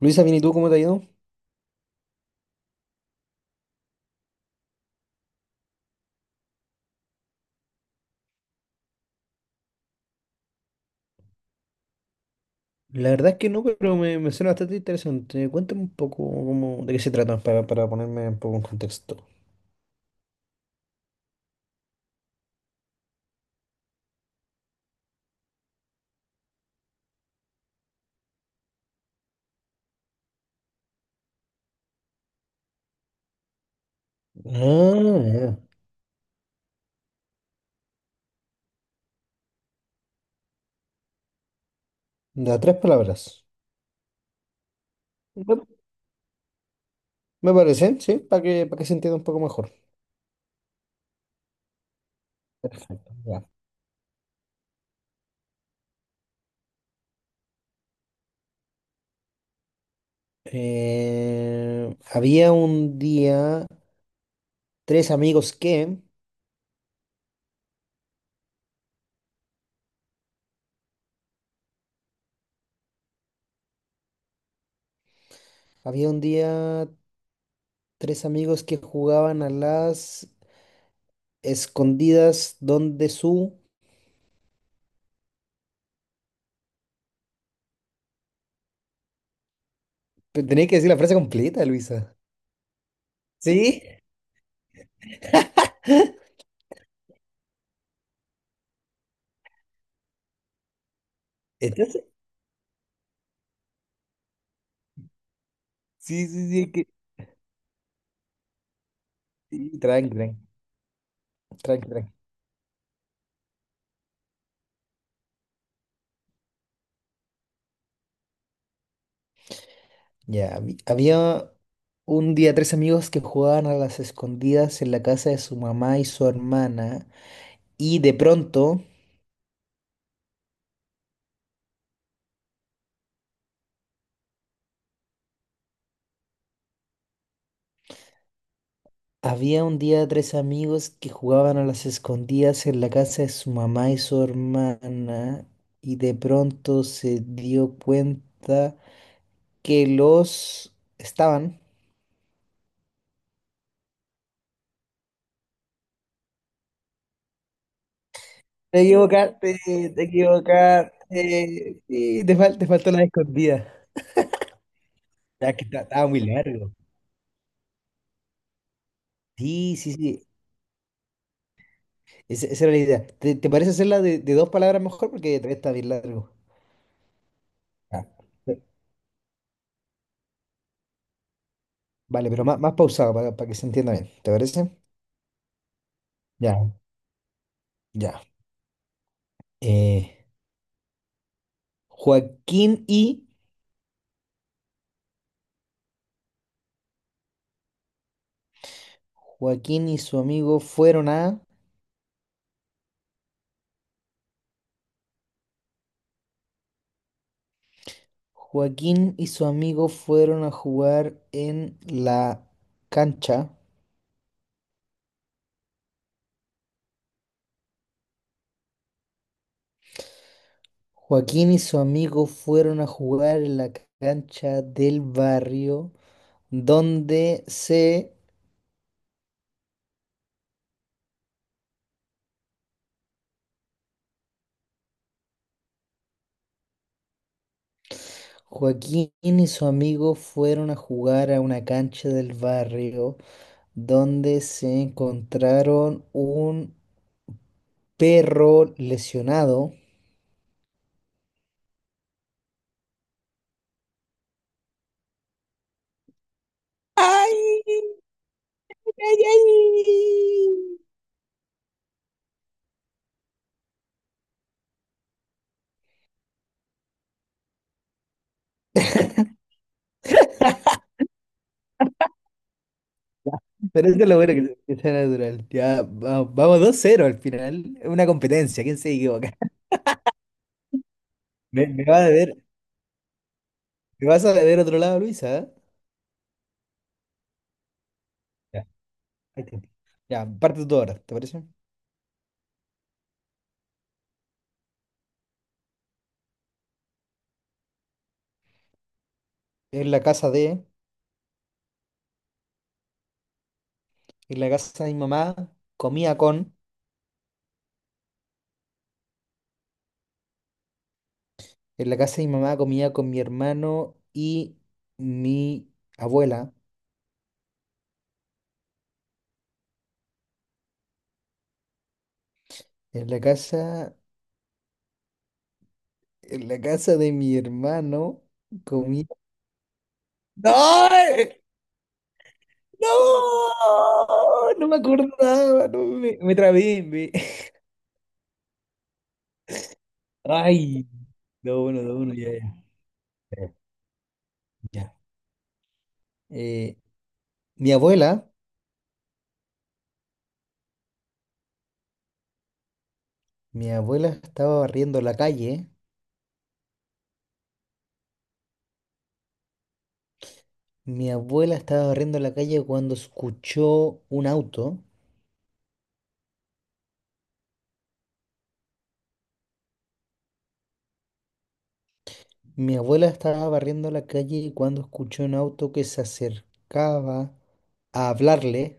Luisa, bien, ¿y tú cómo te ha ido? La verdad es que no, pero me suena bastante interesante. Cuéntame un poco cómo, de qué se trata para ponerme un poco en contexto. Ah, ya. De tres palabras. Bueno, me parece, sí, para que se entienda un poco mejor. Perfecto, ya. Había un día tres amigos había un día tres amigos que jugaban a las escondidas donde su... Tenía que decir la frase completa, Luisa. ¿Sí? ¿Estás sí, sí, sí, es que... sí, tranqui, tranqui. Ya, había un día tres amigos que jugaban a las escondidas en la casa de su mamá y su hermana, y de pronto había un día tres amigos que jugaban a las escondidas en la casa de su mamá y su hermana, y de pronto se dio cuenta que los estaban... Te equivocaste, te equivocaste, sí, te faltó la escondida. Ya que estaba muy largo. Sí, sí, sí. Esa era la idea. ¿Te parece hacerla de dos palabras mejor? Porque todavía está bien largo. Ya. Vale, pero más pausado para que se entienda bien. ¿Te parece? Ya, ya. Eh, Joaquín y Joaquín y su amigo fueron a Joaquín y su amigo fueron a jugar en la cancha. Joaquín y su amigo fueron a jugar en la cancha del barrio donde se Joaquín y su amigo fueron a jugar a una cancha del barrio donde se encontraron un perro lesionado. ¡Ay, ay, ay! Pero eso es lo bueno que sea natural. Ya, vamos 2-0 al final. Es una competencia, ¿quién se equivoca? Me vas a ver, me vas a ver otro lado, Luisa. ¿Eh? Ya, ahí te- ya, parte tú ahora, ¿te parece? En la casa de, en la casa de mi mamá, comía con. En la casa de mi mamá comía con mi hermano y mi abuela. En la casa, en la casa de mi hermano comía... ¡No! ¡No! No me acordaba, no, me trabé. Me- Ay, no, bueno, no, bueno, ya, ya. Ya, ya. Eh, mi abuela, mi abuela estaba barriendo la calle. Mi abuela estaba barriendo la calle cuando escuchó un auto. Mi abuela estaba barriendo la calle cuando escuchó un auto que se acercaba a hablarle.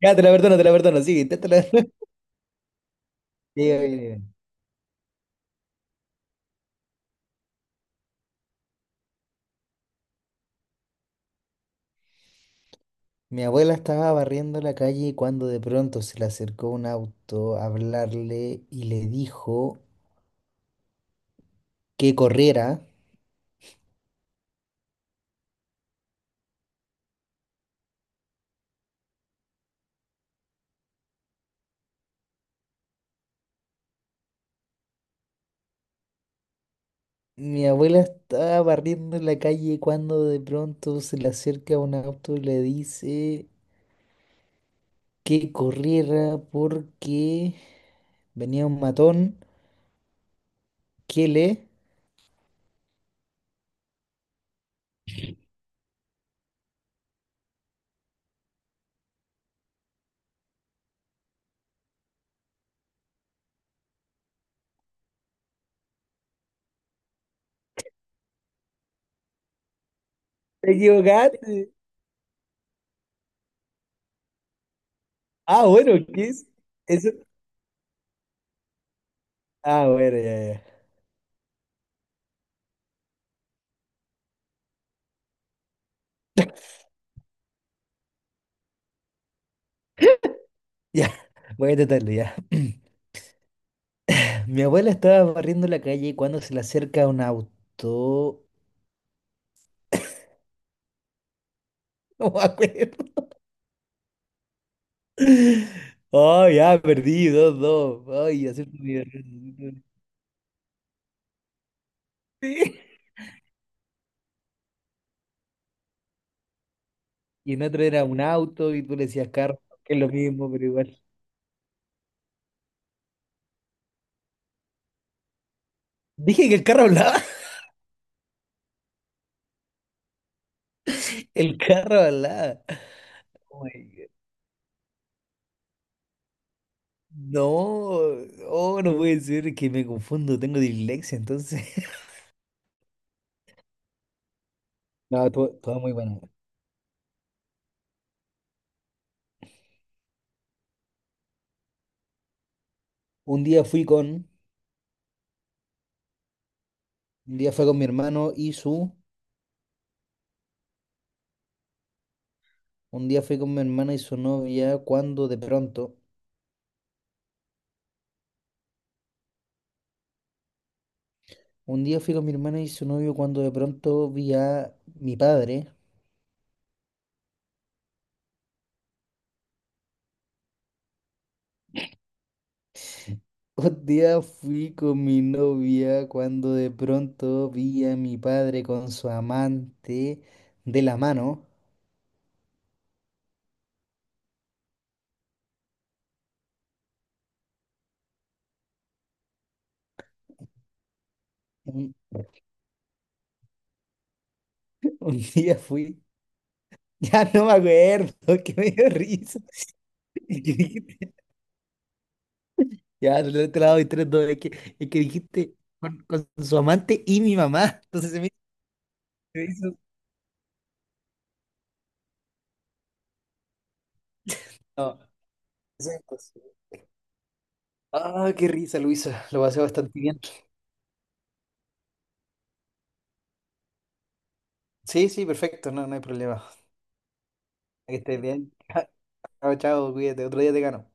Ya, te la perdono, sigue, inténtala. Diga, diga, diga. Mi abuela estaba barriendo la calle cuando de pronto se le acercó un auto a hablarle y le dijo que corriera. Mi abuela estaba barriendo la calle cuando de pronto se le acerca un auto y le dice que corriera porque venía un matón que le... Te equivocaste. Ah, bueno, ¿qué es? Eso. Ah, bueno, ya, ya. Ya, voy a intentarlo, ya. Mi abuela estaba barriendo la calle cuando se le acerca un auto. No me acuerdo. Oh, ya, perdí, 2-2. Ay, acepto mi error. Sí. Y en otro era un auto y tú le decías carro, que es lo mismo, pero igual. Dije que el carro hablaba. El carro hablaba. Oh my God. No, oh, no puede ser que me confundo, tengo dislexia, entonces. No, todo, todo muy bueno. Un día fui con, un día fue con mi hermano y su, un día fui con mi hermana y su novia cuando de pronto, un día fui con mi hermana y su novio cuando de pronto vi a mi padre. Un día fui con mi novia cuando de pronto vi a mi padre con su amante de la mano. Un, un día fui, ya no me acuerdo, que me dio risa. Ya, te la doy 3-2. Es que dijiste con su amante y mi mamá. Entonces se me hizo. No, eso es imposible. Ah, qué risa, Luisa. Lo pasé bastante bien. Sí, sí, perfecto. No, no hay problema. Que estés bien. Chao, chao, cuídate. Otro día te gano.